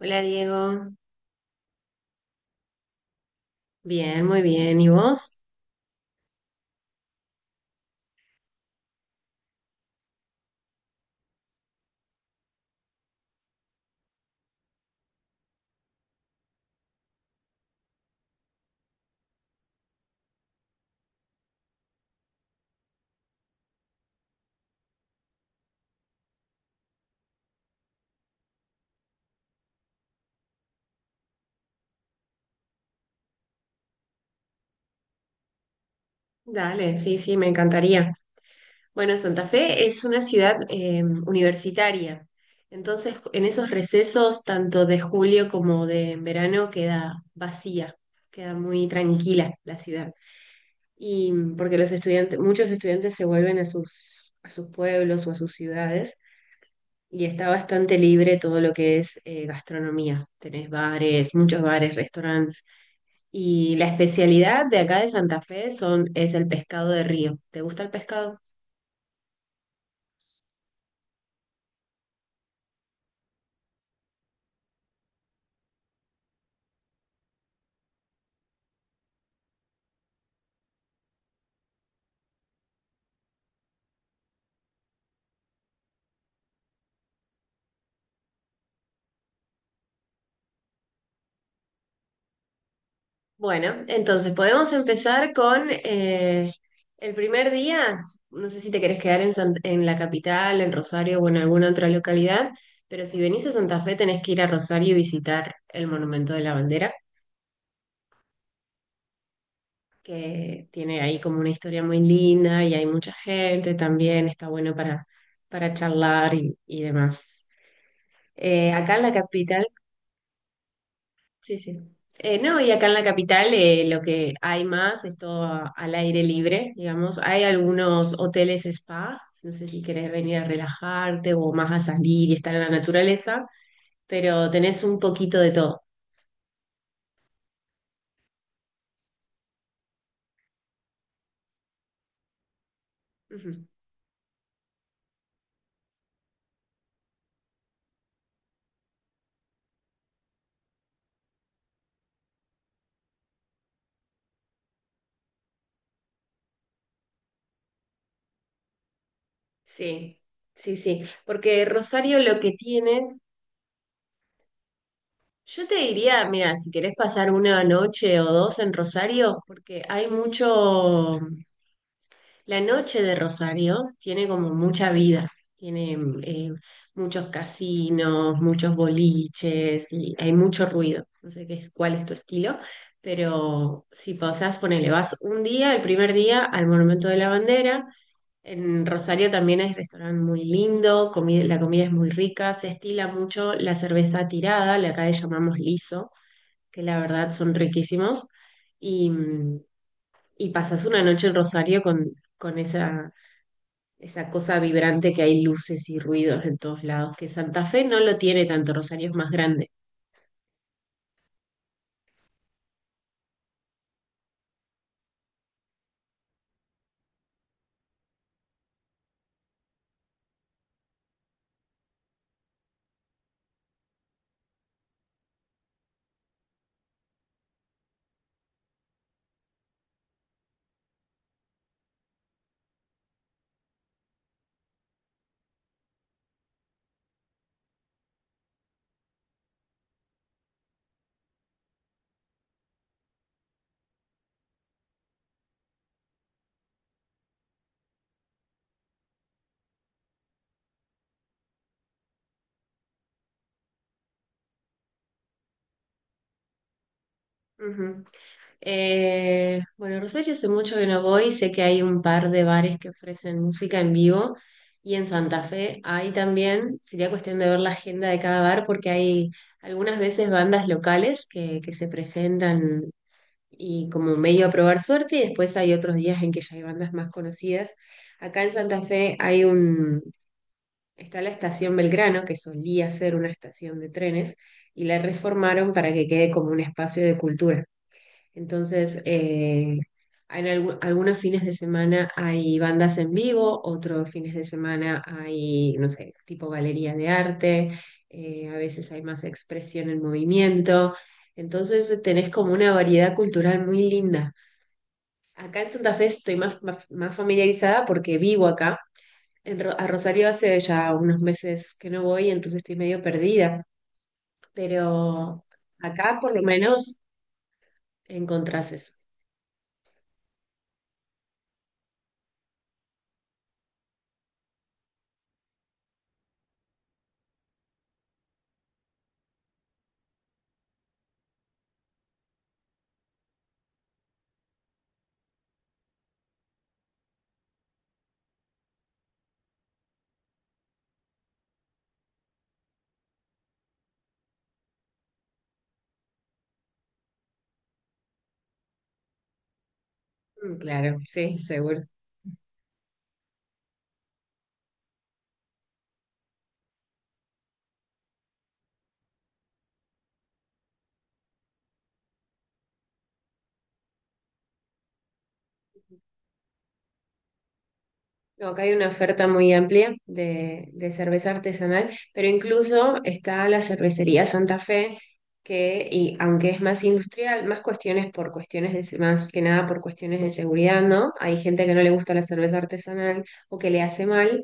Hola Diego, bien, muy bien. ¿Y vos? Dale, sí, sí, me encantaría. Bueno, Santa Fe es una ciudad universitaria, entonces en esos recesos, tanto de julio como de verano, queda vacía, queda muy tranquila la ciudad. Y porque los estudiantes, muchos estudiantes se vuelven a sus pueblos o a sus ciudades y está bastante libre todo lo que es gastronomía. Tenés bares, muchos bares, restaurantes. Y la especialidad de acá de Santa Fe es el pescado de río. ¿Te gusta el pescado? Bueno, entonces podemos empezar con el primer día. No sé si te querés quedar en la capital, en Rosario o en alguna otra localidad, pero si venís a Santa Fe tenés que ir a Rosario y visitar el Monumento de la Bandera, que tiene ahí como una historia muy linda y hay mucha gente también, está bueno para charlar y demás. Acá en la capital. Sí, sí. No, y acá en la capital lo que hay más es todo al aire libre, digamos. Hay algunos hoteles spa, no sé si querés venir a relajarte o más a salir y estar en la naturaleza, pero tenés un poquito de todo. Ujú. Sí, sí, sí. Porque Rosario lo que tiene, yo te diría, mira, si querés pasar una noche o dos en Rosario, porque hay mucho. La noche de Rosario tiene como mucha vida, tiene eh, muchos casinos, muchos boliches y hay mucho ruido. No sé qué es, cuál es tu estilo, pero si pasás, ponele, vas un día, el primer día, al Monumento de la Bandera. En Rosario también hay restaurante muy lindo, la comida es muy rica, se estila mucho la cerveza tirada, la acá le llamamos liso, que la verdad son riquísimos. Y, mm, y pasas una noche en Rosario con esa cosa vibrante que hay luces y ruidos en todos lados, que Santa Fe no lo tiene tanto, Rosario es más grande. Ujú. Bueno, Rosario hace mucho que no voy, sé que hay un par de bares que ofrecen música en vivo y en Santa Fe hay también, sería cuestión de ver la agenda de cada bar porque hay algunas veces bandas locales que se presentan y como medio a probar suerte y después hay otros días en que ya hay bandas más conocidas. Acá en Santa Fe hay un está la estación Belgrano, que solía ser una estación de trenes, y la reformaron para que quede como un espacio de cultura. Entonces, en algunos fines de semana hay bandas en vivo, otros fines de semana hay, no sé, tipo galería de arte, a veces hay más expresión en movimiento. Entonces, tenés como una variedad cultural muy linda. Acá en Santa Fe estoy más, más familiarizada porque vivo acá a Rosario hace ya unos meses que no voy, entonces estoy medio perdida, pero acá por lo menos encontrás eso. Mm, claro, sí, seguro. No, acá hay una oferta muy amplia de cerveza artesanal, pero incluso está la cervecería Santa Fe, que y aunque es más industrial, más que nada por cuestiones de seguridad, ¿no? Hay gente que no le gusta la cerveza artesanal o que le hace mal,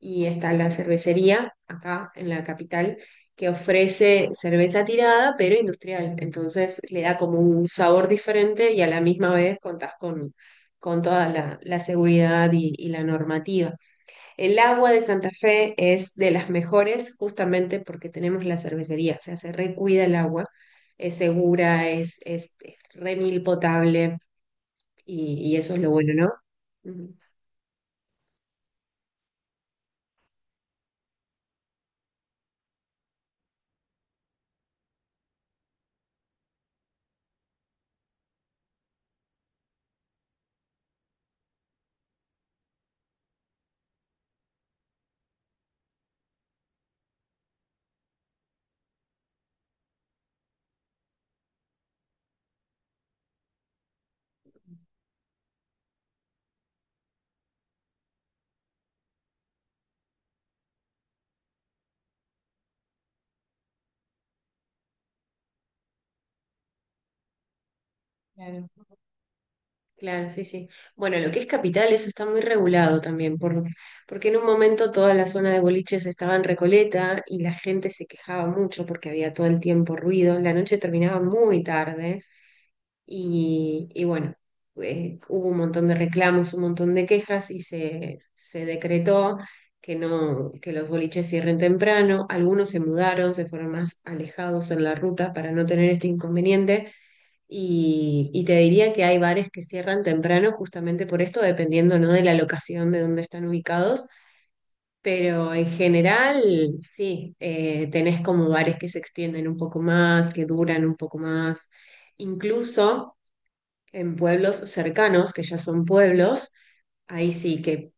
y está la cervecería acá en la capital que ofrece cerveza tirada, pero industrial. Entonces le da como un sabor diferente y a la misma vez contás con toda la seguridad y la normativa. El agua de Santa Fe es de las mejores justamente porque tenemos la cervecería, o sea, se recuida el agua, es segura, es re mil potable y eso es lo bueno, ¿no? Ujú. Claro. Claro, sí, sí. Bueno, lo que es capital, eso está muy regulado también, porque en un momento toda la zona de boliches estaba en Recoleta y la gente se quejaba mucho porque había todo el tiempo ruido. La noche terminaba muy tarde. Y bueno, hubo un montón de reclamos, un montón de quejas y se decretó que no, que los boliches cierren temprano. Algunos se mudaron, se fueron más alejados en la ruta para no tener este inconveniente. Y te diría que hay bares que cierran temprano justamente por esto, dependiendo, ¿no? de la locación de donde están ubicados. Pero en general, sí, tenés como bares que se extienden un poco más, que duran un poco más. Incluso en pueblos cercanos, que ya son pueblos, ahí sí que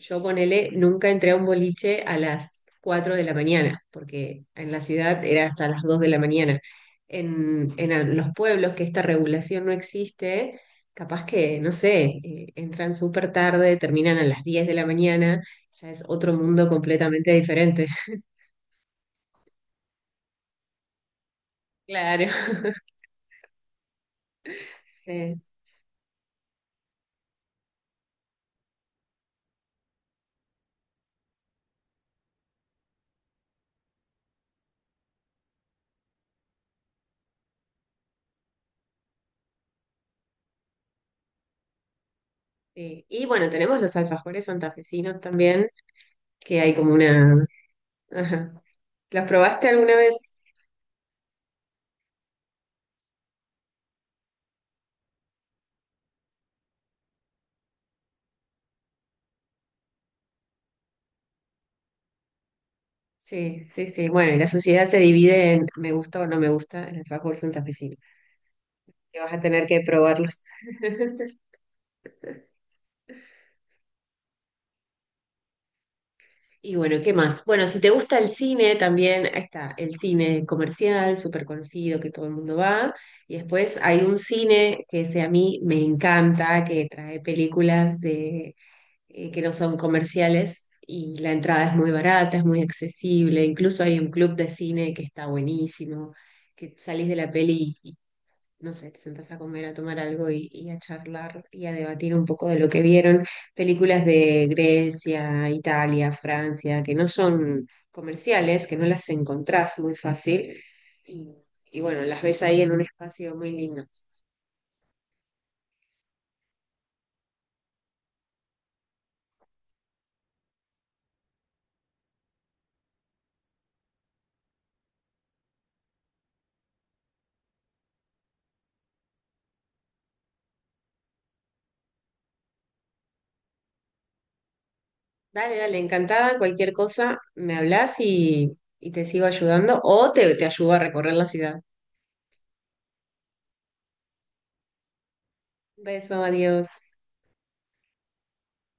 yo ponele, nunca entré a un boliche a las 4 de la mañana, porque en la ciudad era hasta las 2 de la mañana. En los pueblos que esta regulación no existe, capaz que, no sé, entran súper tarde, terminan a las 10 de la mañana, ya es otro mundo completamente diferente. Claro. Sí, sí. Y bueno, tenemos los alfajores santafesinos también, que hay como una. Ajá. ¿Los probaste alguna vez? Sí, sí, sí. Bueno, y la sociedad se divide en me gusta o no me gusta el alfajor santafesino. Que vas a tener que probarlos. Y bueno, ¿qué más? Bueno, si te gusta el cine, también está el cine comercial, súper conocido, que todo el mundo va. Y después hay un cine que ese a mí me encanta, que trae películas que no son comerciales. Y la entrada es muy barata, es muy accesible. Incluso hay un club de cine que está buenísimo, que salís de la peli no sé, te sentás a comer, a tomar algo y a charlar y a debatir un poco de lo que vieron. Películas de Grecia, Italia, Francia, que no son comerciales, que no las encontrás muy fácil. Y, y bueno, las ves ahí en un espacio muy lindo. Dale, dale, encantada. Cualquier cosa, me hablas y te sigo ayudando o te ayudo a recorrer la ciudad. Un beso, adiós.